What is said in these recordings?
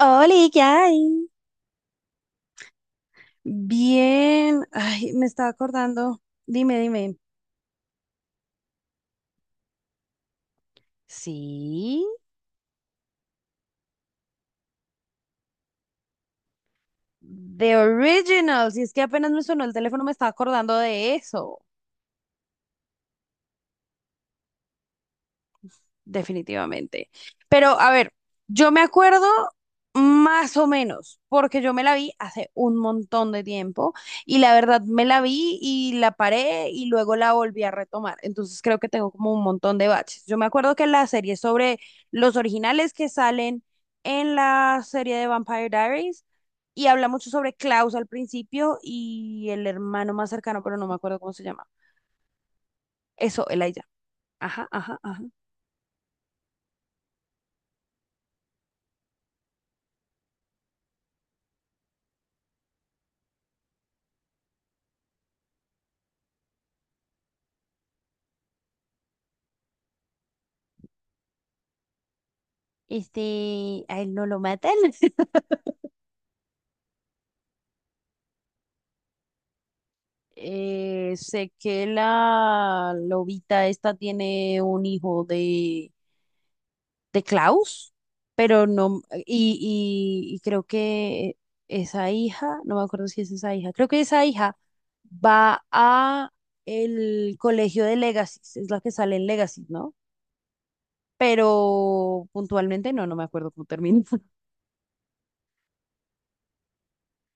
Hola, ¿qué hay? Bien, ay, me estaba acordando. Dime, dime. Sí, The Original. Si es que apenas me sonó el teléfono, me estaba acordando de eso. Definitivamente. Pero a ver, yo me acuerdo más o menos, porque yo me la vi hace un montón de tiempo y la verdad me la vi y la paré y luego la volví a retomar. Entonces creo que tengo como un montón de baches. Yo me acuerdo que la serie sobre los originales que salen en la serie de Vampire Diaries y habla mucho sobre Klaus al principio y el hermano más cercano, pero no me acuerdo cómo se llama. Eso, Elijah. Ajá, ajá, ajá. Este, a él no lo matan. Sé que la lobita esta tiene un hijo de Klaus, pero no, y creo que esa hija, no me acuerdo si es esa hija, creo que esa hija va a el colegio de Legacy, es la que sale en Legacy, ¿no? Pero puntualmente no, no me acuerdo cómo termina.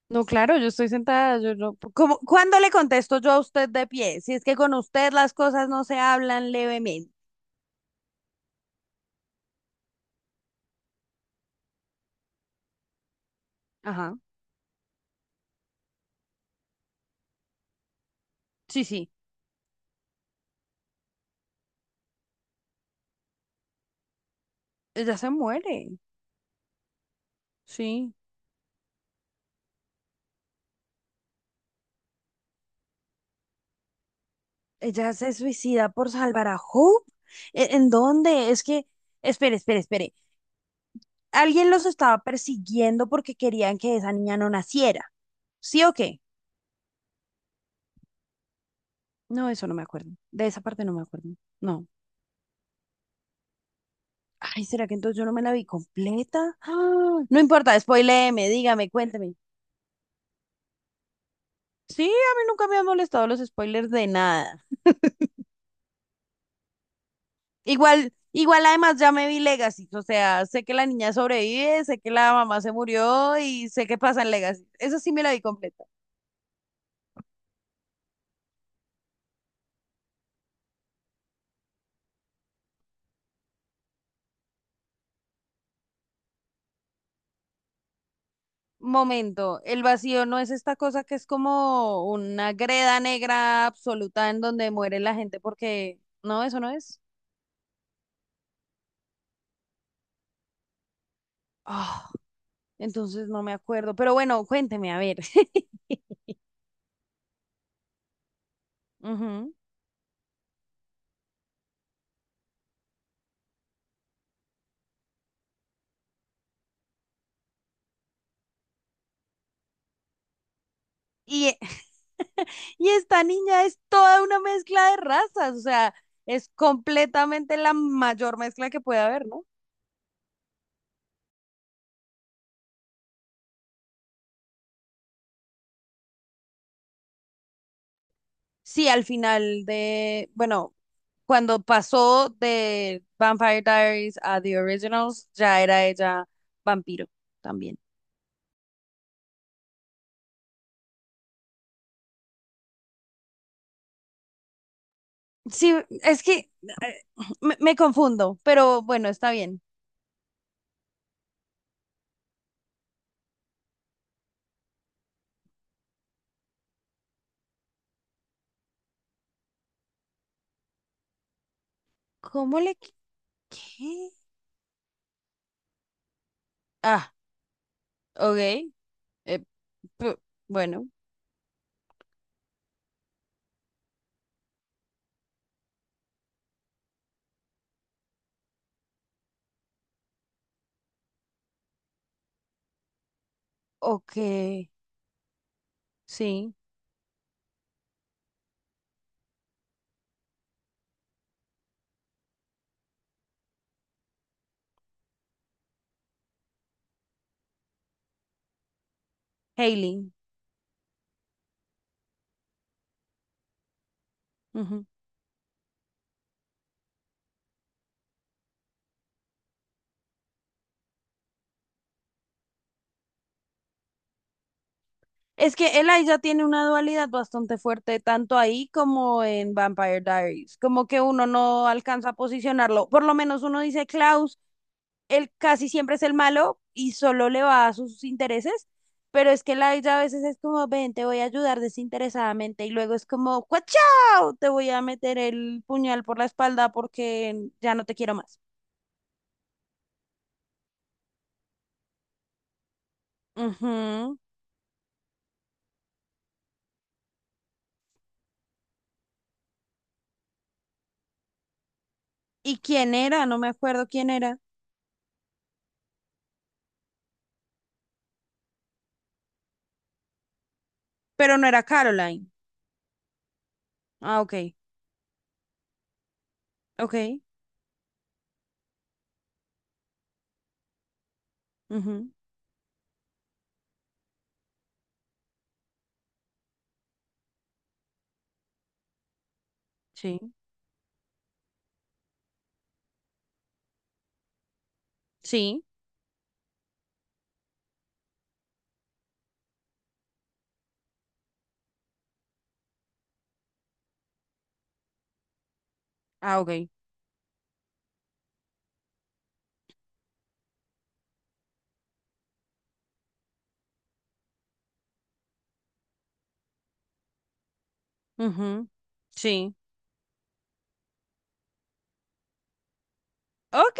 No, claro, yo estoy sentada, yo no. ¿Cuándo le contesto yo a usted de pie? Si es que con usted las cosas no se hablan levemente. Ajá. Sí, sí. Ella se muere. Sí. Ella se suicida por salvar a Hope. ¿En dónde? Es que, espere, espere, espere. Alguien los estaba persiguiendo porque querían que esa niña no naciera. ¿Sí o qué? No, eso no me acuerdo. De esa parte no me acuerdo. No. Ay, ¿será que entonces yo no me la vi completa? ¡Ah! No importa, spoiléeme, dígame, cuénteme. Sí, a mí nunca me han molestado los spoilers de nada. Igual, igual además ya me vi Legacy, o sea, sé que la niña sobrevive, sé que la mamá se murió y sé qué pasa en Legacy. Eso sí me la vi completa. Momento, el vacío no es esta cosa que es como una greda negra absoluta en donde muere la gente porque no, eso no es. Ah, entonces no me acuerdo, pero bueno, cuénteme, a ver. Ujú. Y Y esta niña es toda una mezcla de razas, o sea, es completamente la mayor mezcla que puede haber, ¿no? Sí, al final de, bueno, cuando pasó de Vampire Diaries a The Originals, ya era ella vampiro también. Sí, es que me confundo, pero bueno, está bien. ¿Cómo le... qui- ¿Qué? Ah, ok. eh, p- bueno, ok, sí, Hailey. Es que Elijah tiene una dualidad bastante fuerte, tanto ahí como en Vampire Diaries. Como que uno no alcanza a posicionarlo. Por lo menos uno dice Klaus, él casi siempre es el malo y solo le va a sus intereses. Pero es que Elijah a veces es como, ven, te voy a ayudar desinteresadamente. Y luego es como, ¡cuachao! Te voy a meter el puñal por la espalda porque ya no te quiero más. Ujú. ¿Y quién era? No me acuerdo quién era. Pero no era Caroline. Ah, ok. Ok. Ujú. Sí. Sí. Ah, ok. Ujú. Sí. Ok.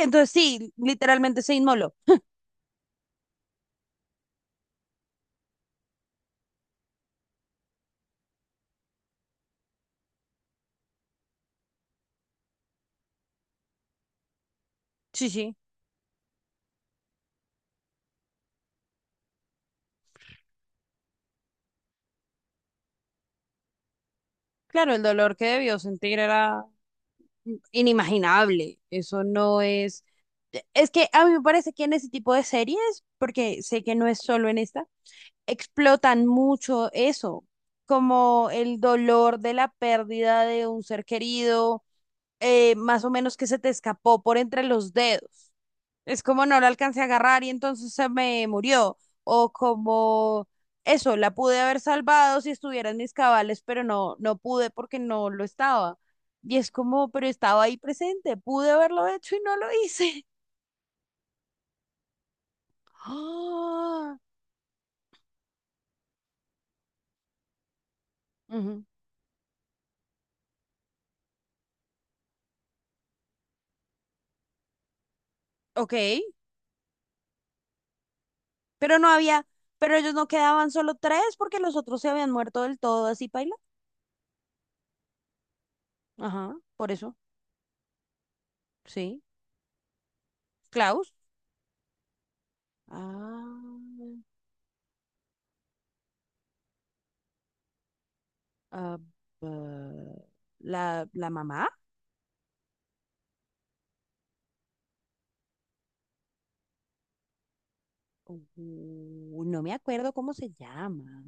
Entonces sí, literalmente se inmoló. Sí, sí. Claro, el dolor que debió sentir era inimaginable. Eso no es... Es que a mí me parece que en ese tipo de series, porque sé que no es solo en esta, explotan mucho eso, como el dolor de la pérdida de un ser querido, más o menos que se te escapó por entre los dedos. Es como no la alcancé a agarrar y entonces se me murió. O como eso, la pude haber salvado si estuviera en mis cabales, pero no, no pude porque no lo estaba. Y es como, pero estaba ahí presente, pude haberlo hecho y no lo hice. Ah, ujú. Ok, pero no había, pero ellos no quedaban solo tres porque los otros se habían muerto del todo, así paila. Ajá, por eso, sí. Klaus. Ah, ah, bah, la mamá. No me acuerdo cómo se llama.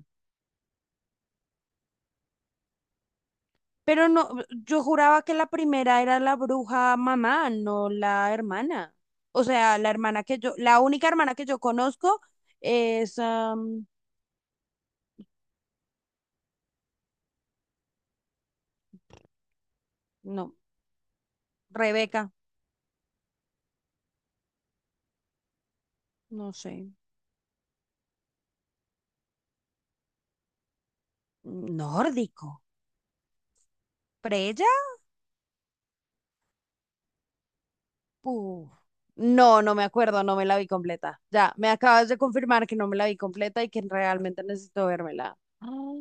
Pero no, yo juraba que la primera era la bruja mamá, no la hermana. O sea, la hermana que yo, la única hermana que yo conozco es, no, Rebeca, no sé, nórdico. ¿Preya? Uf, no, no me acuerdo, no me la vi completa. Ya, me acabas de confirmar que no me la vi completa y que realmente necesito vérmela. Ah,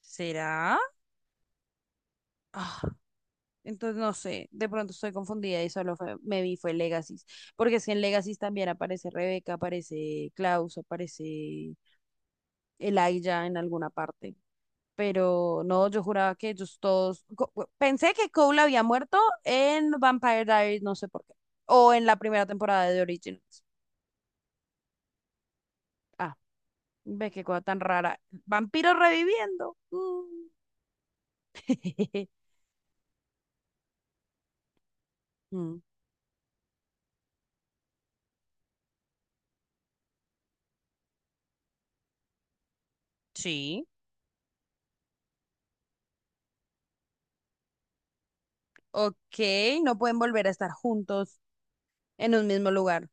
¿será? Entonces, no sé, de pronto estoy confundida y solo me vi fue Legacy. Porque es que en Legacy también aparece Rebeca, aparece Klaus, aparece Elijah en alguna parte. Pero no, yo juraba que ellos todos. Pensé que Cole había muerto en Vampire Diaries, no sé por qué. O en la primera temporada de The Originals. Ah, ve qué cosa tan rara. Vampiros reviviendo. Mm. Mm, sí. Ok, no pueden volver a estar juntos en un mismo lugar.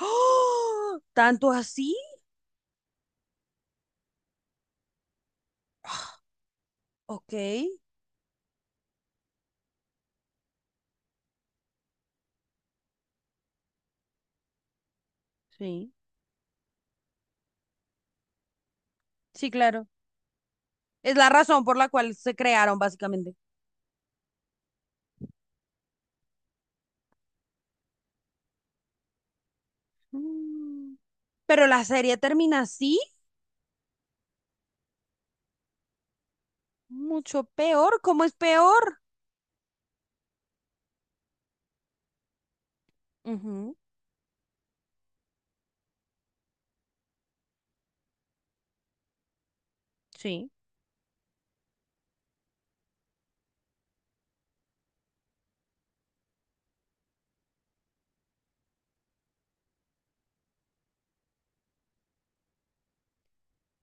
¡Ah! ¿Tanto así? Ok, sí. Sí, claro. Es la razón por la cual se crearon, básicamente. Mm, Pero la serie termina así, mucho peor. ¿Cómo es peor? Ujú, sí.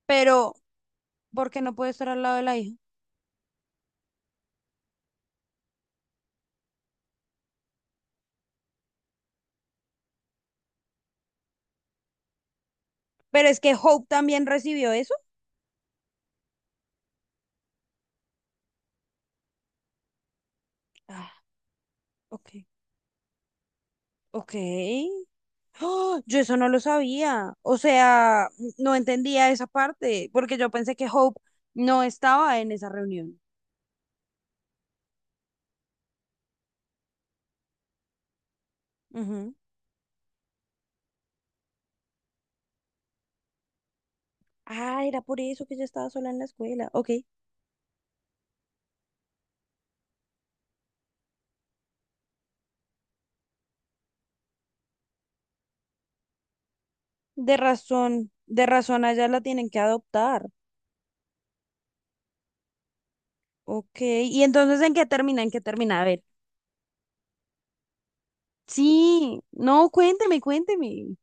Pero, ¿por qué no puede estar al lado de la hija? Pero es que Hope también recibió eso. Ah, ok. Ok. ¡Ah! Yo eso no lo sabía. O sea, no entendía esa parte, porque yo pensé que Hope no estaba en esa reunión. Ujú. Ah, era por eso que ella estaba sola en la escuela. Ok, de razón allá la tienen que adoptar. Ok, ¿y entonces en qué termina? ¿En qué termina? A ver. Sí, no, cuénteme, cuénteme.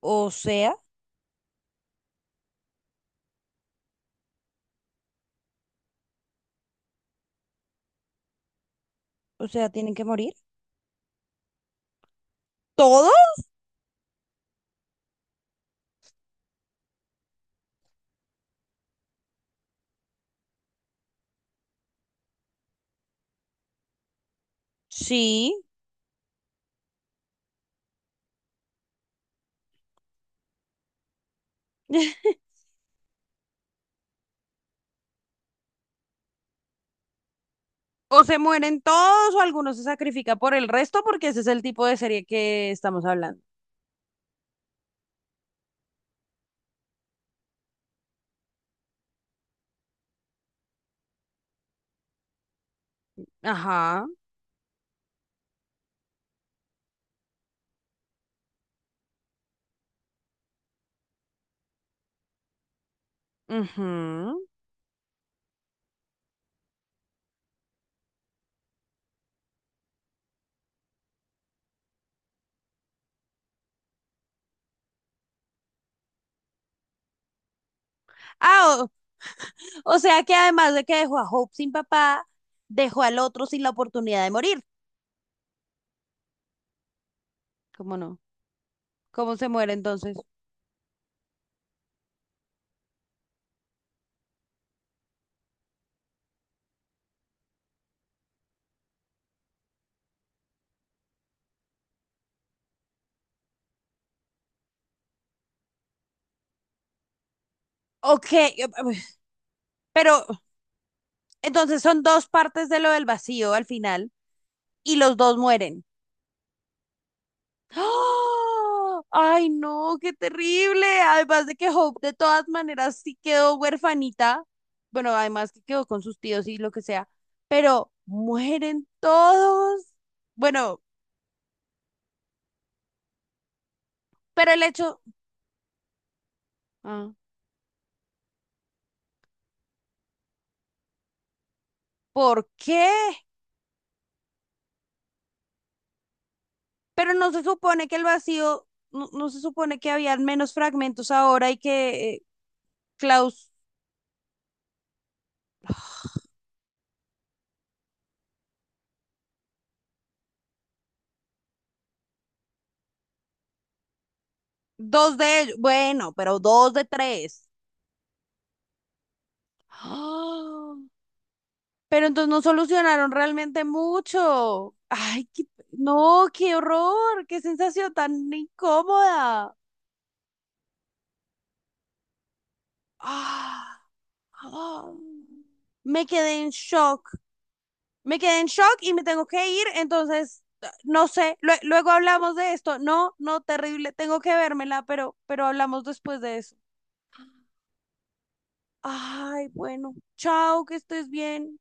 O sea, o sea, ¿tienen que morir? ¿Todos? Sí. O se mueren todos o algunos se sacrifica por el resto porque ese es el tipo de serie que estamos hablando. Ajá. Ujú. Ah, o sea que además de que dejó a Hope sin papá, dejó al otro sin la oportunidad de morir. ¿Cómo no? ¿Cómo se muere entonces? Ok, pero entonces son dos partes de lo del vacío al final y los dos mueren. ¡Ah! ¡Ay, no! ¡Qué terrible! Además de que Hope de todas maneras sí quedó huerfanita. Bueno, además que quedó con sus tíos y lo que sea. Pero mueren todos. Bueno, pero el hecho... Ah, ¿por qué? Pero no se supone que el vacío... No, no se supone que habían menos fragmentos ahora y que Klaus, dos de ellos, bueno, pero dos de tres. ¡Ah! Pero entonces no solucionaron realmente mucho. Ay, no, qué horror, qué sensación tan incómoda. Ah, ah. Me quedé en shock. Me quedé en shock y me tengo que ir, entonces no sé, luego hablamos de esto. No, no, terrible, tengo que vérmela, pero hablamos después de eso. Ay, bueno, chao, que estés bien.